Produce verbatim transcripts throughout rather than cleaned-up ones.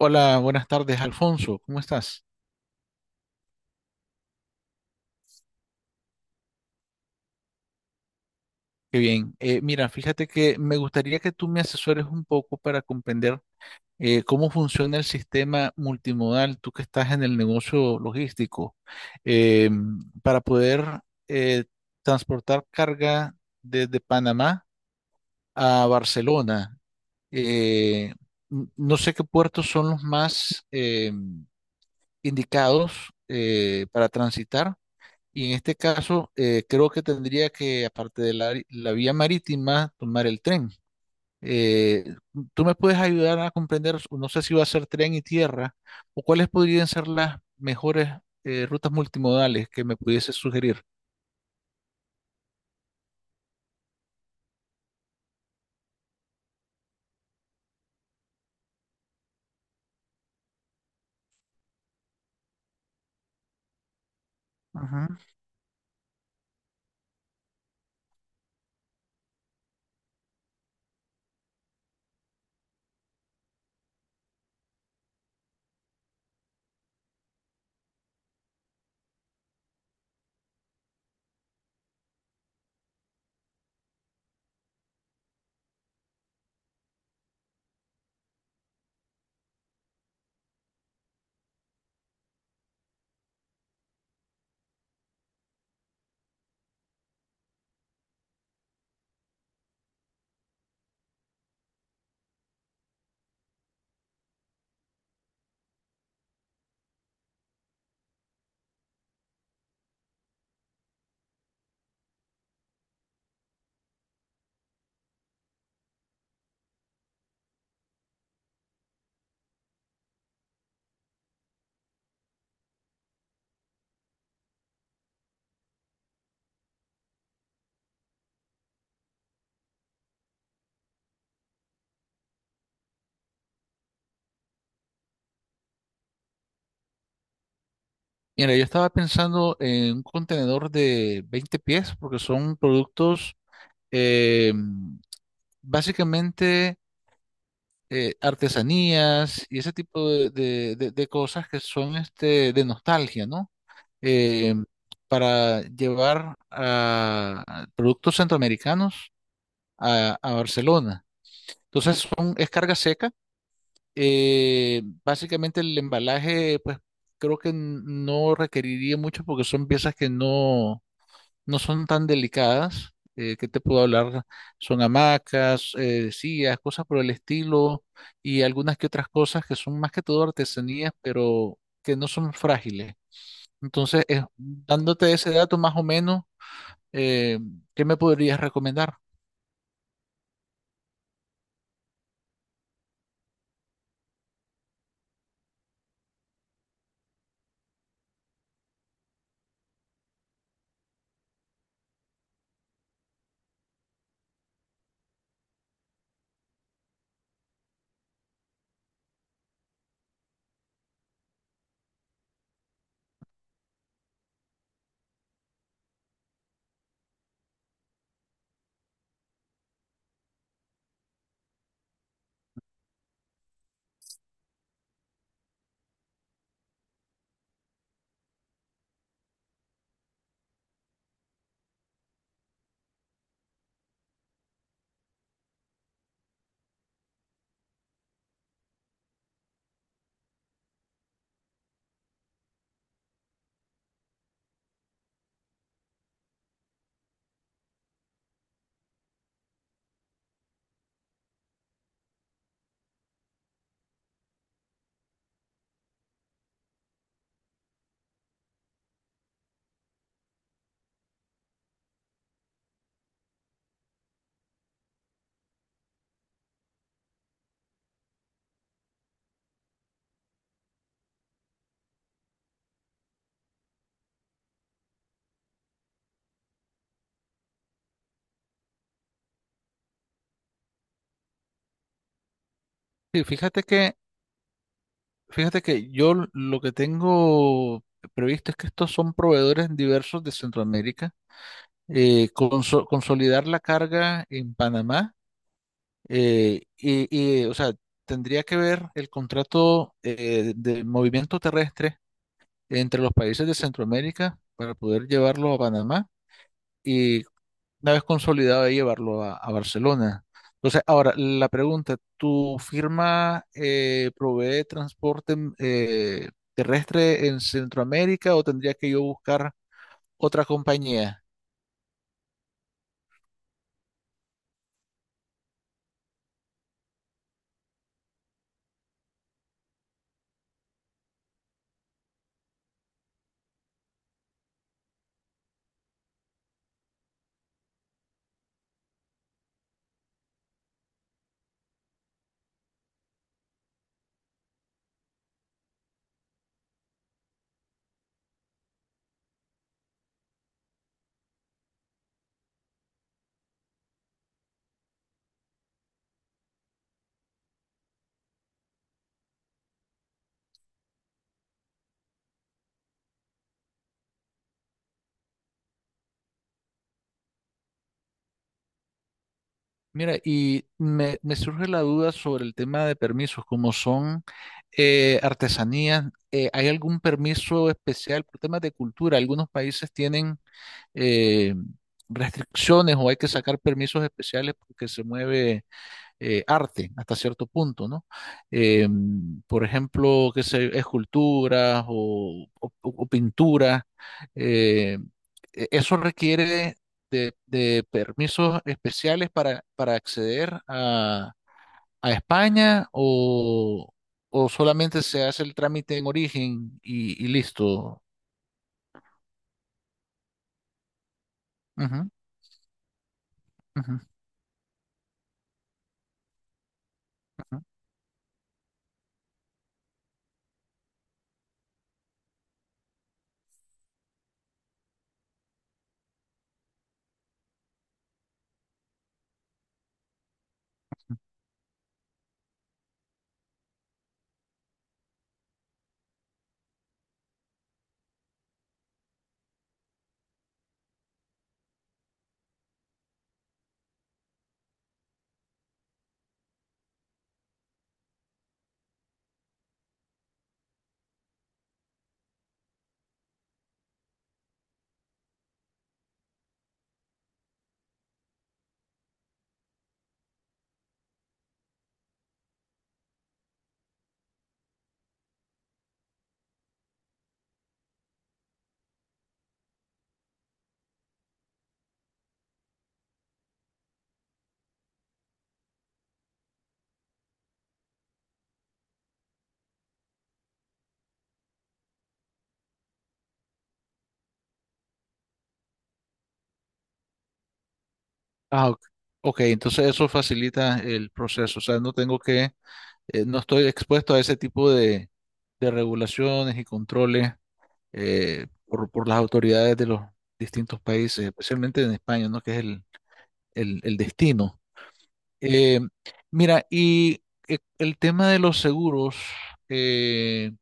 Hola, buenas tardes, Alfonso. ¿Cómo estás? Qué bien. Eh, mira, fíjate que me gustaría que tú me asesores un poco para comprender eh, cómo funciona el sistema multimodal, tú que estás en el negocio logístico, eh, para poder eh, transportar carga desde Panamá a Barcelona. Eh, n- no sé qué puertos son los más eh, indicados eh, para transitar. Y en este caso, eh, creo que tendría que, aparte de la, la vía marítima, tomar el tren. Eh, ¿Tú me puedes ayudar a comprender, no sé si va a ser tren y tierra, o cuáles podrían ser las mejores eh, rutas multimodales que me pudiese sugerir? Ujú. Mira, yo estaba pensando en un contenedor de veinte pies, porque son productos eh, básicamente eh, artesanías y ese tipo de, de- de- de cosas que son este, de nostalgia, ¿no? eh, para llevar a a productos centroamericanos a, a Barcelona. Entonces son, es carga seca. Eh, básicamente el embalaje, pues creo que n- no requeriría mucho porque son piezas que no, no son tan delicadas. Eh, ¿qué te puedo hablar? Son hamacas, eh, sillas, cosas por el estilo y algunas que otras cosas que son más que todo artesanías, pero que no son frágiles. Entonces, eh, dándote ese dato más o menos, eh, ¿qué me podrías recomendar? Sí, fíjate que, fíjate que yo l- lo que tengo previsto es que estos son proveedores diversos de Centroamérica. Eh, conso- consolidar la carga en Panamá eh, y, y, o sea, tendría que ver el contrato eh, de movimiento terrestre entre los países de Centroamérica para poder llevarlo a Panamá una vez consolidado de llevarlo a, a Barcelona. Entonces, ahora la pregunta, ¿tu firma eh, provee transporte mm, eh, terrestre en Centroamérica o tendría que yo buscar otra compañía? Mira, y me, me surge la duda sobre el tema de permisos, como son eh, artesanías, eh, ¿hay algún permiso especial por temas de cultura? Algunos países tienen eh, restricciones o hay que sacar permisos especiales porque se mueve eh, arte hasta cierto punto, ¿no? Eh, por ejemplo, qué sé, esculturas o, o, o pinturas, eh, e- eso requiere de, de permisos especiales para, para acceder a, a España o, o solamente se hace el trámite en origen y, y listo. Ujú, ujú, ujú. Ah, ok. Ok, entonces eso facilita el proceso, o sea, no tengo que eh, no estoy expuesto a ese tipo de, de regulaciones y controles eh, por, por las autoridades de los distintos países, especialmente en España, ¿no? Que es el, el- el destino. Eh, mira, y eh, el tema de los seguros, eh,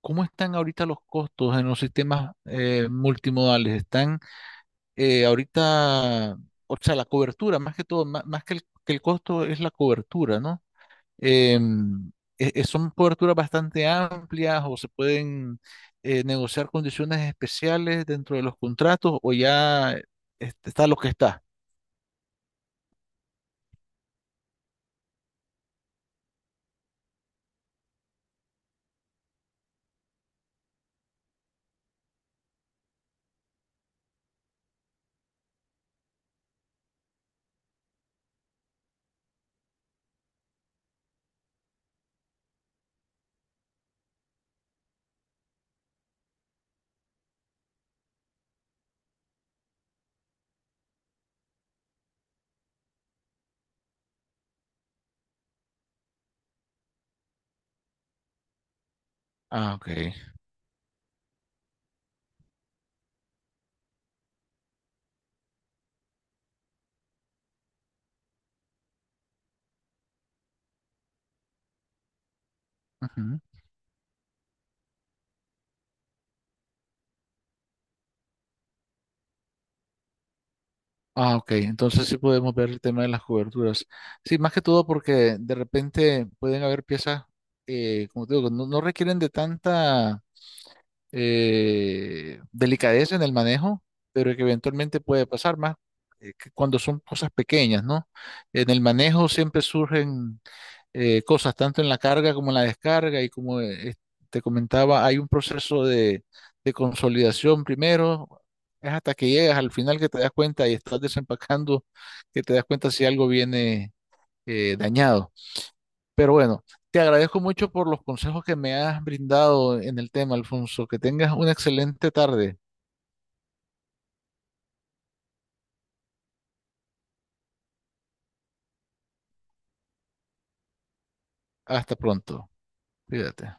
¿cómo están ahorita los costos en los sistemas eh, multimodales? ¿Están eh, ahorita, o sea, la cobertura, más que todo, ma- más, que el, que el costo es la cobertura, ¿no? eh, eh, eh, ¿son coberturas bastante amplias o se pueden eh, negociar condiciones especiales dentro de los contratos o ya eh, este, está lo que está? Ah, ok. Ujú. Ah, ok. Entonces sí podemos ver el tema de las coberturas. Sí, más que todo porque de repente pueden haber piezas, eh, como te digo, no, no requieren de tanta eh, delicadeza en el manejo, pero que eventualmente puede pasar más eh, que cuando son cosas pequeñas, ¿no? En el manejo siempre surgen eh, cosas, tanto en la carga como en la descarga, y como eh, te comentaba, hay un proceso de, de consolidación primero. Es hasta que llegas al final que te das cuenta y estás desempacando, que te das cuenta si algo viene eh, dañado. Pero bueno, te agradezco mucho por los consejos que me has brindado en el tema, Alfonso. Que tengas una excelente tarde. Hasta pronto. Cuídate.